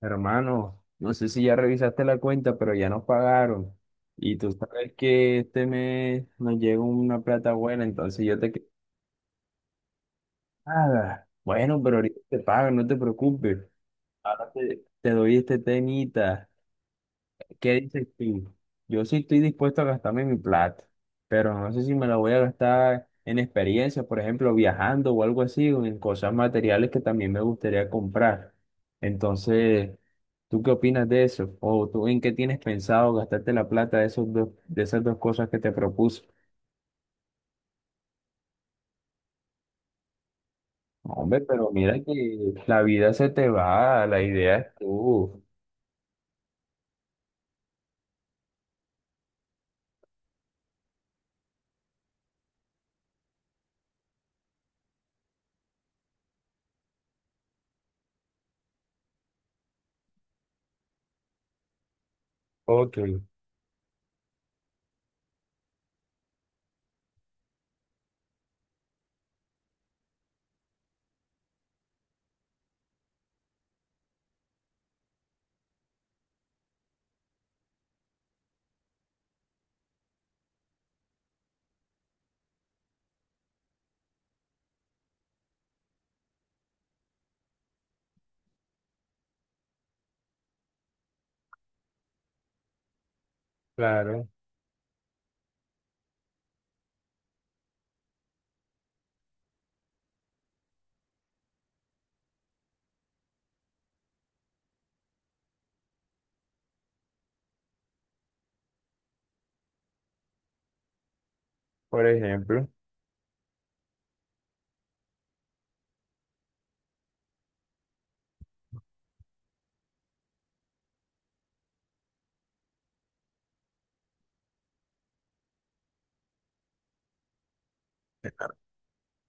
Hermano, no sé si ya revisaste la cuenta, pero ya nos pagaron. Y tú sabes que este mes nos llega una plata buena, entonces yo te quedo nada. Bueno, pero ahorita te pago, no te preocupes. Ahora te doy este temita. ¿Qué dices tú? Yo sí estoy dispuesto a gastarme mi plata, pero no sé si me la voy a gastar en experiencias, por ejemplo, viajando o algo así, o en cosas materiales que también me gustaría comprar. Entonces, ¿tú qué opinas de eso? ¿O tú en qué tienes pensado gastarte la plata de esos dos, de esas dos cosas que te propuse? No, hombre, pero mira que la vida se te va, la idea es tú. Ok, claro. Por ejemplo.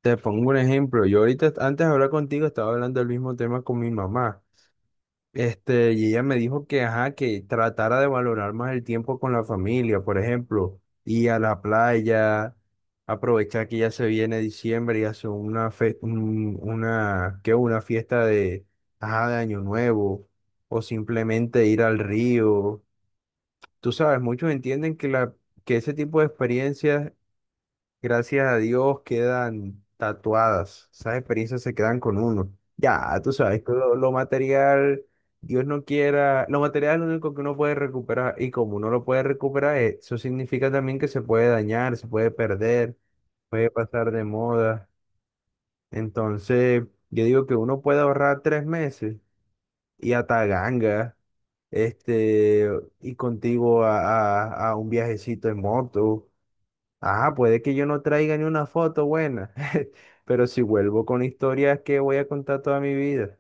Te pongo un ejemplo. Yo ahorita, antes de hablar contigo, estaba hablando del mismo tema con mi mamá. Y ella me dijo que, ajá, que tratara de valorar más el tiempo con la familia, por ejemplo, ir a la playa, aprovechar que ya se viene diciembre y hace una, ¿qué? Una fiesta de, ajá, de Año Nuevo, o simplemente ir al río. Tú sabes, muchos entienden que que ese tipo de experiencias, gracias a Dios, quedan tatuadas. Esas experiencias se quedan con uno. Ya, tú sabes que lo material, Dios no quiera, lo material es lo único que uno puede recuperar y como uno lo puede recuperar, eso significa también que se puede dañar, se puede perder, puede pasar de moda. Entonces, yo digo que uno puede ahorrar 3 meses y a Taganga, este, y contigo a, a un viajecito en moto. Ah, puede que yo no traiga ni una foto buena, pero si vuelvo con historias que voy a contar toda mi vida.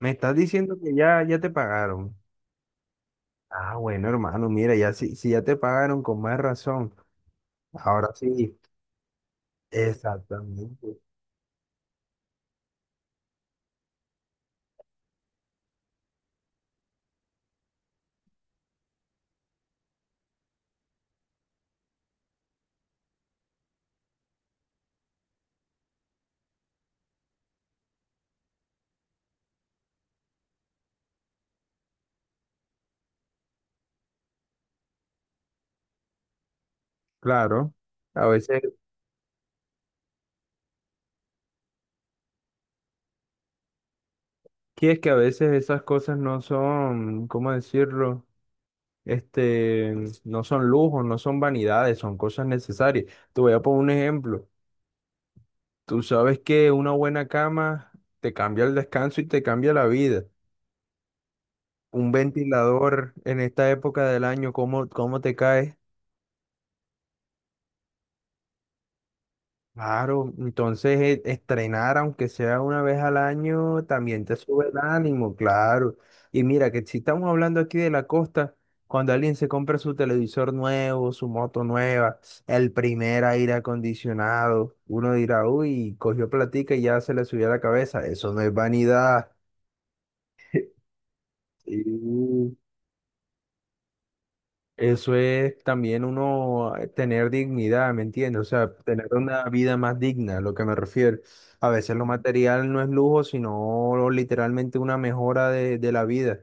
Me estás diciendo que ya te pagaron. Ah, bueno, hermano, mira, si ya te pagaron, con más razón. Ahora sí, exactamente. Claro, a veces, que es que a veces esas cosas no son, ¿cómo decirlo? Este, no son lujos, no son vanidades, son cosas necesarias. Te voy a poner un ejemplo. Tú sabes que una buena cama te cambia el descanso y te cambia la vida. Un ventilador en esta época del año, ¿cómo te caes? Claro, entonces estrenar, aunque sea una vez al año, también te sube el ánimo, claro. Y mira, que si estamos hablando aquí de la costa, cuando alguien se compra su televisor nuevo, su moto nueva, el primer aire acondicionado, uno dirá, uy, cogió platica y ya se le subió a la cabeza. Eso no es vanidad. Sí. Eso es también uno tener dignidad, ¿me entiendes? O sea, tener una vida más digna, lo que me refiero. A veces lo material no es lujo, sino literalmente una mejora de la vida.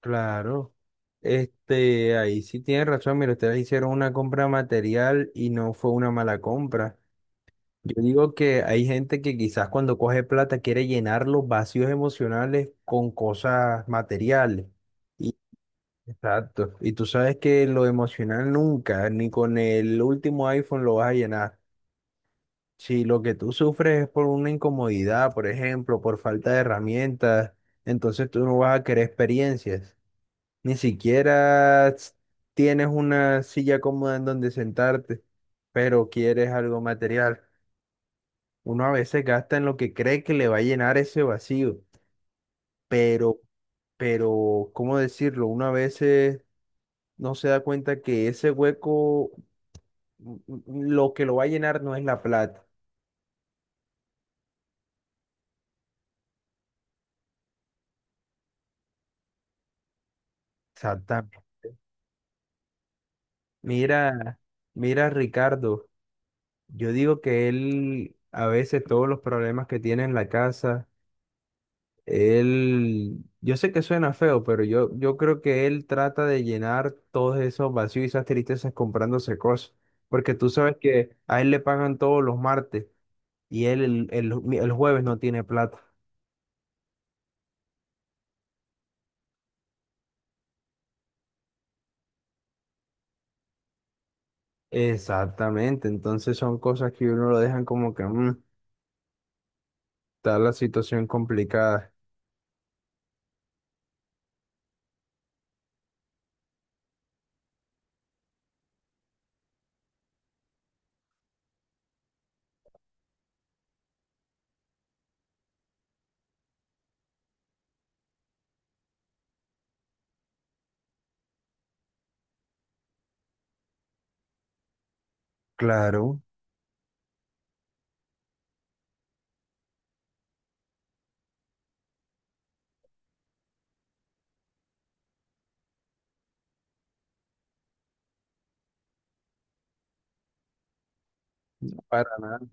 Claro. Ahí sí tienes razón, mira, ustedes hicieron una compra material y no fue una mala compra. Yo digo que hay gente que quizás cuando coge plata quiere llenar los vacíos emocionales con cosas materiales. Exacto. Y tú sabes que lo emocional nunca, ni con el último iPhone lo vas a llenar. Si lo que tú sufres es por una incomodidad, por ejemplo, por falta de herramientas, entonces tú no vas a querer experiencias. Ni siquiera s- Tienes una silla cómoda en donde sentarte, pero quieres algo material. Uno a veces gasta en lo que cree que le va a llenar ese vacío, pero, pero, ¿cómo decirlo? Uno a veces no se da cuenta que ese hueco, lo que lo va a llenar no es la plata. Exactamente. Mira, mira, Ricardo, yo digo que él, a veces todos los problemas que tiene en la casa, él, yo sé que suena feo, pero yo creo que él trata de llenar todos esos vacíos y esas tristezas comprándose cosas, porque tú sabes que a él le pagan todos los martes y el jueves no tiene plata. Exactamente, entonces son cosas que uno lo dejan como que mm, está la situación complicada. Claro, para nada.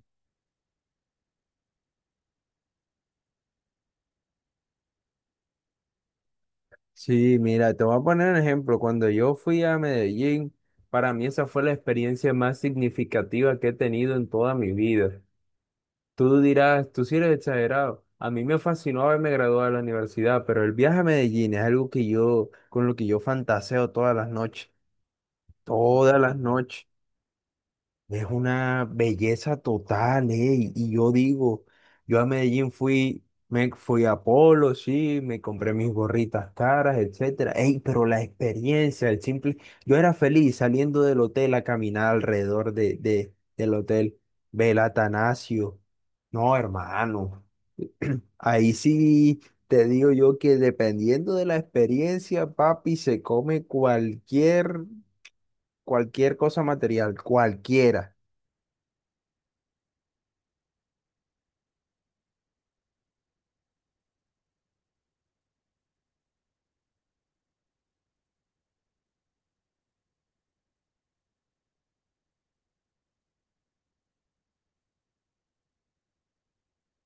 Sí, mira, te voy a poner un ejemplo. Cuando yo fui a Medellín, para mí esa fue la experiencia más significativa que he tenido en toda mi vida. Tú dirás, tú sí eres exagerado. A mí me fascinó haberme graduado de la universidad, pero el viaje a Medellín es algo que yo, con lo que yo fantaseo todas las noches, todas las noches. Es una belleza total, ¿eh? Y yo digo, yo a Medellín fui, me fui a Polo, sí, me compré mis gorritas caras, etcétera. Ey, pero la experiencia, el simple, yo era feliz saliendo del hotel a caminar alrededor del hotel Bel Atanasio. No, hermano, ahí sí te digo yo que dependiendo de la experiencia, papi, se come cualquier cosa material, cualquiera.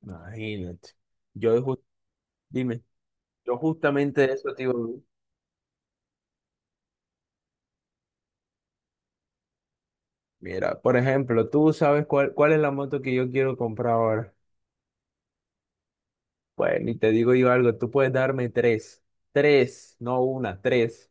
Imagínate. Yo, ju- dime, yo justamente de eso te iba. Mira, por ejemplo, tú sabes cuál es la moto que yo quiero comprar ahora. Bueno, y te digo yo algo, tú puedes darme tres, no una, tres.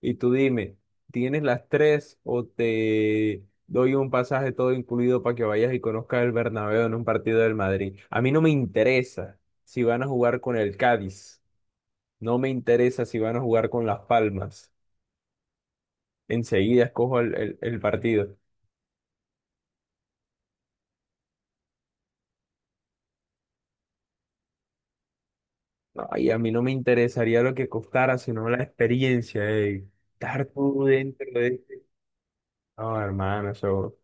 Y tú dime, ¿tienes las tres o te doy un pasaje todo incluido para que vayas y conozcas el Bernabéu en un partido del Madrid? A mí no me interesa si van a jugar con el Cádiz, no me interesa si van a jugar con Las Palmas. Enseguida escojo el partido. No, y a mí no me interesaría lo que costara, sino la experiencia de estar tú dentro de este. No, hermano, eso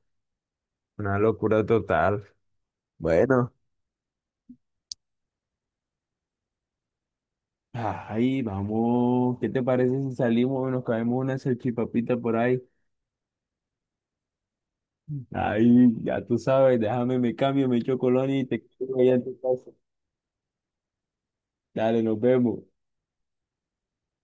una locura total. Bueno, ay, vamos. ¿Qué te parece si salimos y nos caemos una salchipapita por ahí? Ay, ya tú sabes, déjame, me cambio, me echo colonia y te quedo allá en tu casa. Dale, nos vemos.